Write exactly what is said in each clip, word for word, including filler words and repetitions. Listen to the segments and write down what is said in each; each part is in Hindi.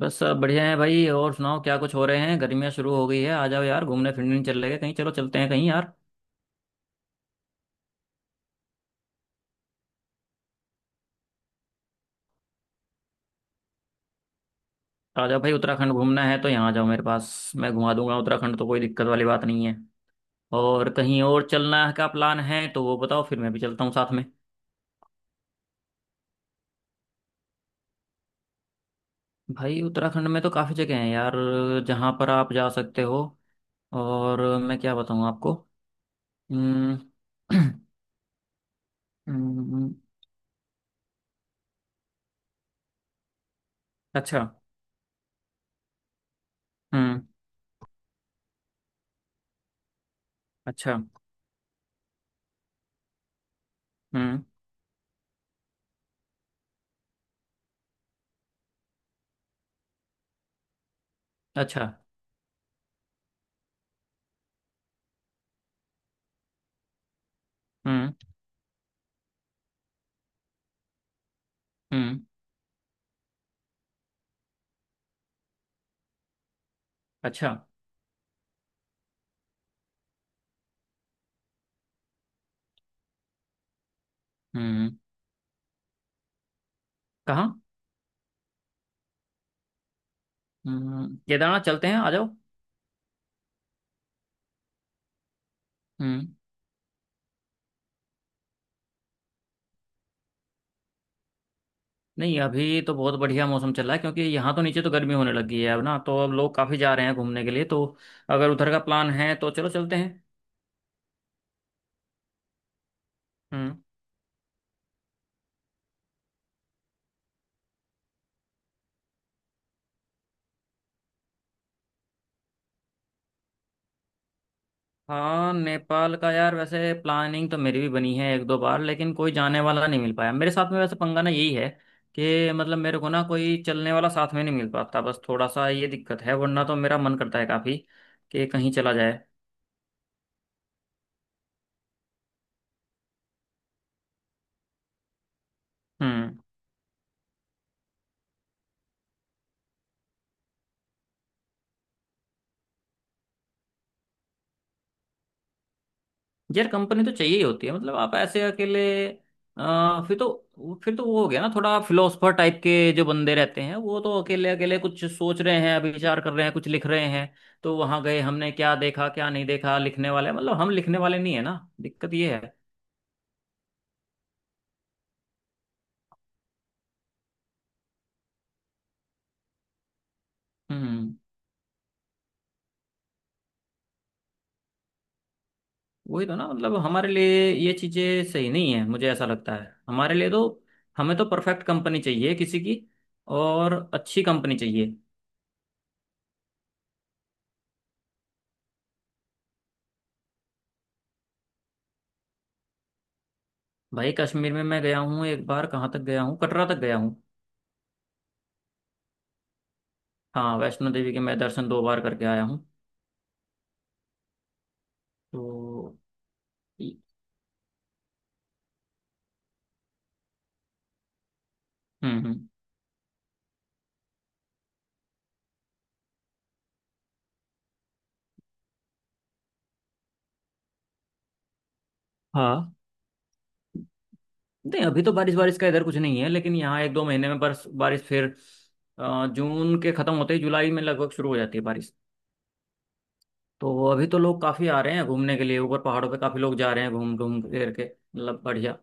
बस सब बढ़िया है भाई। और सुनाओ, क्या कुछ हो रहे हैं? गर्मियाँ शुरू हो गई है, आ जाओ यार घूमने फिरने, चल लेंगे कहीं। चलो चलते हैं कहीं यार। आ जाओ भाई, उत्तराखंड घूमना है तो यहाँ आ जाओ मेरे पास। मैं घुमा दूंगा उत्तराखंड, तो कोई दिक्कत वाली बात नहीं है। और कहीं और चलना का प्लान है तो वो बताओ, फिर मैं भी चलता हूँ साथ में। भाई उत्तराखंड में तो काफ़ी जगह हैं यार, जहाँ पर आप जा सकते हो। और मैं क्या बताऊँ आपको। हम्म। हम्म। अच्छा। हम्म। अच्छा। हम्म। अच्छा। हम्म। हम्म। अच्छा। हम्म। कहाँ? हम्म, केदारनाथ चलते हैं, आ जाओ। हम्म। नहीं, अभी तो बहुत बढ़िया मौसम चल रहा है, क्योंकि यहाँ तो नीचे तो गर्मी होने लगी है अब ना, तो अब लोग काफी जा रहे हैं घूमने के लिए। तो अगर उधर का प्लान है तो चलो चलते हैं। हम्म। हाँ, नेपाल का यार वैसे प्लानिंग तो मेरी भी बनी है एक दो बार, लेकिन कोई जाने वाला नहीं मिल पाया मेरे साथ में। वैसे पंगा ना यही है कि मतलब मेरे को ना कोई चलने वाला साथ में नहीं मिल पाता। बस थोड़ा सा ये दिक्कत है, वरना तो मेरा मन करता है काफी कि कहीं चला जाए। हम्म। यार कंपनी तो चाहिए ही होती है, मतलब आप ऐसे अकेले आ, फिर तो फिर तो वो हो गया ना थोड़ा, फिलोसफर टाइप के जो बंदे रहते हैं वो तो अकेले अकेले कुछ सोच रहे हैं, अभी विचार कर रहे हैं, कुछ लिख रहे हैं। तो वहां गए हमने क्या देखा क्या नहीं देखा लिखने वाले, मतलब हम लिखने वाले नहीं है ना, दिक्कत ये है। हम्म। वही तो ना, मतलब हमारे लिए ये चीजें सही नहीं है, मुझे ऐसा लगता है हमारे लिए तो। हमें तो परफेक्ट कंपनी चाहिए किसी की, और अच्छी कंपनी चाहिए। भाई कश्मीर में मैं गया हूँ एक बार। कहाँ तक गया हूँ? कटरा तक गया हूँ। हाँ वैष्णो देवी के मैं दर्शन दो बार करके आया हूँ। तो हम्म। हम्म। हाँ, नहीं, अभी तो बारिश बारिश का इधर कुछ नहीं है, लेकिन यहाँ एक दो महीने में बर्स बारिश फिर अ, जून के खत्म होते ही जुलाई में लगभग शुरू हो जाती है बारिश। तो अभी तो लोग काफी आ रहे हैं घूमने के लिए, ऊपर पहाड़ों पे काफी लोग जा रहे हैं घूम घूम फिर के, मतलब बढ़िया।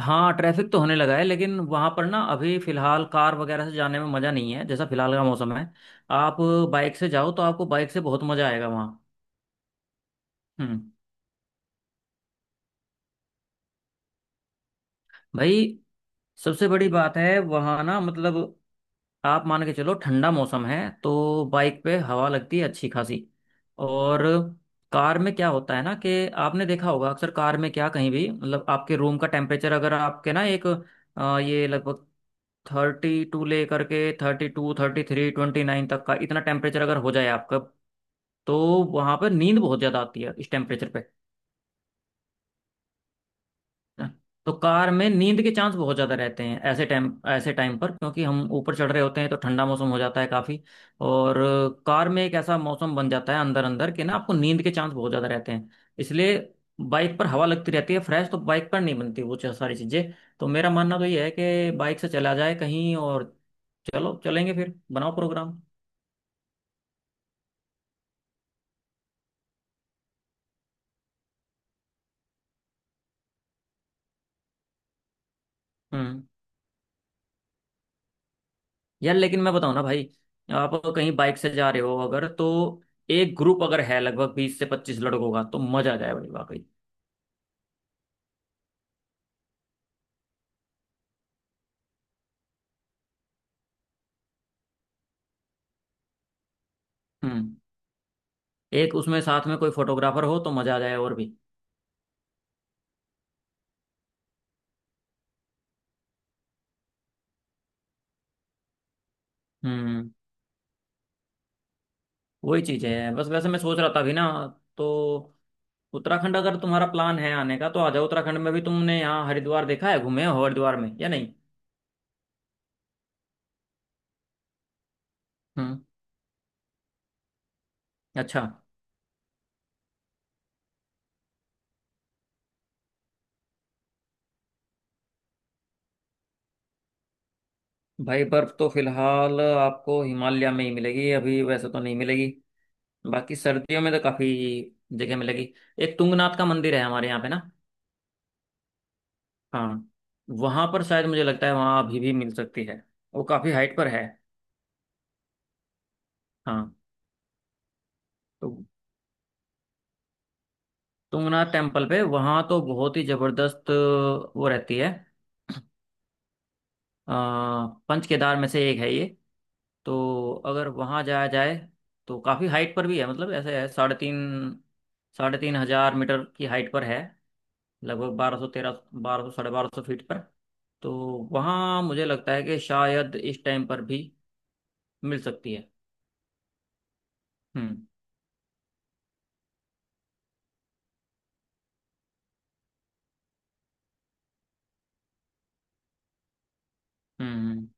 हाँ, ट्रैफिक तो होने लगा है लेकिन वहां पर ना अभी फिलहाल कार वगैरह से जाने में मजा नहीं है, जैसा फिलहाल का मौसम है। आप बाइक से जाओ तो आपको बाइक से बहुत मजा आएगा वहाँ। हम्म। भाई सबसे बड़ी बात है वहाँ ना, मतलब आप मान के चलो ठंडा मौसम है तो बाइक पे हवा लगती है अच्छी खासी। और कार में क्या होता है ना कि आपने देखा होगा अक्सर, कार में क्या कहीं भी मतलब आपके रूम का टेम्परेचर, अगर आपके ना एक अ, ये लगभग थर्टी टू ले करके thirty two thirty three twenty nine तक का इतना टेम्परेचर अगर हो जाए आपका, तो वहां पर नींद बहुत ज्यादा आती है इस टेम्परेचर पे। तो कार में नींद के चांस बहुत ज्यादा रहते हैं ऐसे टाइम, ऐसे टाइम पर, क्योंकि हम ऊपर चढ़ रहे होते हैं तो ठंडा मौसम हो जाता है काफी। और कार में एक ऐसा मौसम बन जाता है अंदर अंदर कि ना आपको नींद के चांस बहुत ज्यादा रहते हैं। इसलिए बाइक पर हवा लगती रहती है फ्रेश, तो बाइक पर नहीं बनती वो च- सारी चीजें। तो मेरा मानना तो ये है कि बाइक से चला जाए कहीं और। चलो चलेंगे, फिर बनाओ प्रोग्राम। हम्म। यार लेकिन मैं बताऊं ना भाई, आप कहीं बाइक से जा रहे हो अगर, तो एक ग्रुप अगर है लगभग बीस से पच्चीस लड़कों का, तो मजा आ जाए भाई वाकई। हम्म। एक उसमें साथ में कोई फोटोग्राफर हो तो मजा आ जाए और भी। हम्म। वही चीज है बस। वैसे मैं सोच रहा था अभी ना, तो उत्तराखंड अगर तुम्हारा प्लान है आने का तो आ जाओ। उत्तराखंड में भी तुमने यहाँ हरिद्वार देखा है, घूमे हो हरिद्वार में या नहीं? हम्म। अच्छा। भाई बर्फ तो फिलहाल आपको हिमालय में ही मिलेगी, अभी वैसे तो नहीं मिलेगी। बाकी सर्दियों में तो काफी जगह मिलेगी। एक तुंगनाथ का मंदिर है हमारे यहाँ पे ना। हाँ, वहां पर शायद मुझे लगता है वहां अभी भी मिल सकती है, वो काफी हाइट पर है। हाँ। तो तुंगनाथ टेम्पल पे वहाँ तो बहुत ही जबरदस्त वो रहती है। अ, पंच केदार में से एक है ये। तो अगर वहाँ जाया जाए, तो काफ़ी हाइट पर भी है, मतलब ऐसे है साढ़े तीन साढ़े तीन हज़ार मीटर की हाइट पर है। लगभग बारह सौ तेरह, बारह सौ साढ़े बारह सौ फीट पर। तो वहाँ मुझे लगता है कि शायद इस टाइम पर भी मिल सकती है। हम्म। हम्म। हम्म।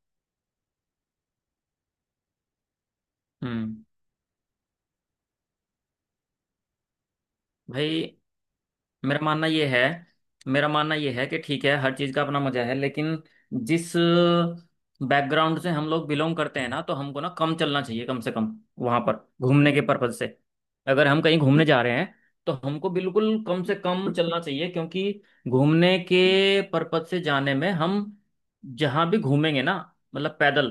हम्म। भाई मेरा मानना ये है मेरा मानना ये है कि ठीक है, हर चीज़ का अपना मजा है, लेकिन जिस बैकग्राउंड से हम लोग बिलोंग करते हैं ना, तो हमको ना कम चलना चाहिए, कम से कम वहां पर घूमने के पर्पज से। अगर हम कहीं घूमने जा रहे हैं तो हमको बिल्कुल कम से कम चलना चाहिए, क्योंकि घूमने के पर्पज से जाने में हम जहां भी घूमेंगे ना, मतलब पैदल,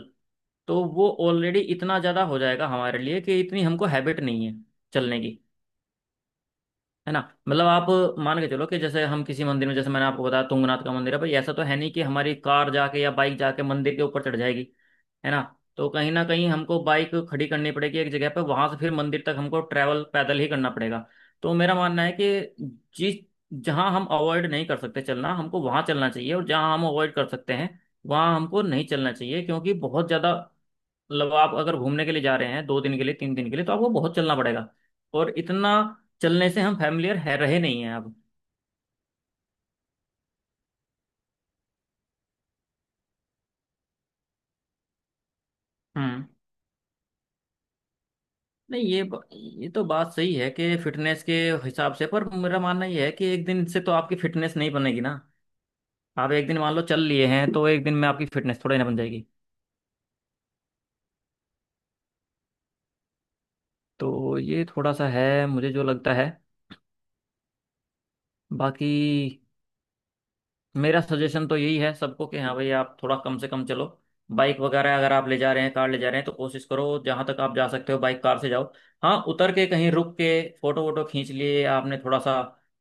तो वो ऑलरेडी इतना ज़्यादा हो जाएगा हमारे लिए कि इतनी हमको हैबिट नहीं है चलने की। है ना? मतलब आप मान के चलो कि जैसे हम किसी मंदिर में, जैसे मैंने आपको बताया तुंगनाथ का मंदिर है, भाई ऐसा तो है नहीं कि हमारी कार जाके या बाइक जाके मंदिर के ऊपर चढ़ जाएगी। है ना? तो कहीं ना कहीं हमको बाइक खड़ी करनी पड़ेगी एक जगह पर, वहां से फिर मंदिर तक हमको ट्रैवल पैदल ही करना पड़ेगा। तो मेरा मानना है कि जिस जहां हम अवॉइड नहीं कर सकते चलना, हमको वहां चलना चाहिए, और जहां हम अवॉइड कर सकते हैं वहां हमको नहीं चलना चाहिए, क्योंकि बहुत ज्यादा, मतलब आप अगर घूमने के लिए जा रहे हैं दो दिन के लिए, तीन दिन के लिए, तो आपको बहुत चलना पड़ेगा, और इतना चलने से हम फैमिलियर है रहे नहीं हैं अब। हम्म। नहीं, ये ब- ये तो बात सही है कि फिटनेस के हिसाब से, पर मेरा मानना ये है कि एक दिन से तो आपकी फिटनेस नहीं बनेगी ना। आप एक दिन मान लो चल लिए हैं, तो एक दिन में आपकी फिटनेस थोड़ी ना बन जाएगी। तो ये थोड़ा सा है मुझे जो लगता है। बाकी मेरा सजेशन तो यही है सबको कि हाँ भाई, आप थोड़ा कम से कम चलो। बाइक वगैरह अगर आप ले जा रहे हैं, कार ले जा रहे हैं, तो कोशिश करो जहां तक आप जा सकते हो बाइक कार से जाओ। हाँ, उतर के कहीं रुक के फोटो वोटो खींच लिए आपने थोड़ा सा,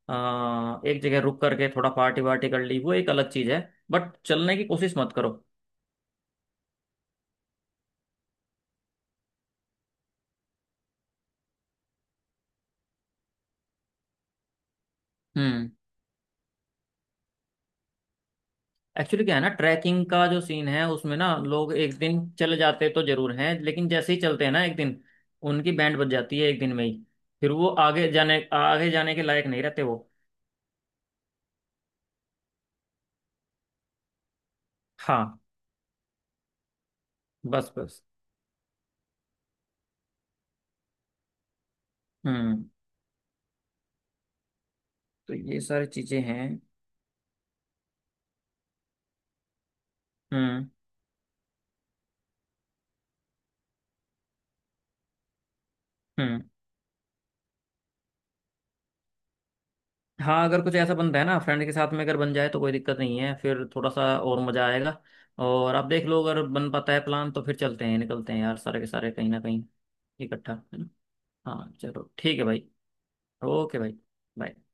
आ, एक जगह रुक करके थोड़ा पार्टी वार्टी कर ली, वो एक अलग चीज है। बट चलने की कोशिश मत करो। हम्म। एक्चुअली क्या है ना, ट्रैकिंग का जो सीन है उसमें ना, लोग एक दिन चले जाते तो जरूर हैं, लेकिन जैसे ही चलते हैं ना एक दिन, उनकी बैंड बज जाती है एक दिन में ही। फिर वो आगे जाने आगे जाने के लायक नहीं रहते वो। हाँ बस बस। हम्म। तो ये सारी चीजें हैं। हम्म। हम्म। हाँ अगर कुछ ऐसा बनता है ना फ्रेंड के साथ में अगर बन जाए तो कोई दिक्कत नहीं है, फिर थोड़ा सा और मजा आएगा। और आप देख लो अगर बन पाता है प्लान, तो फिर चलते हैं निकलते हैं यार सारे के सारे कहीं ना कहीं, इकट्ठा है ना। हाँ चलो ठीक है भाई। ओके भाई bye।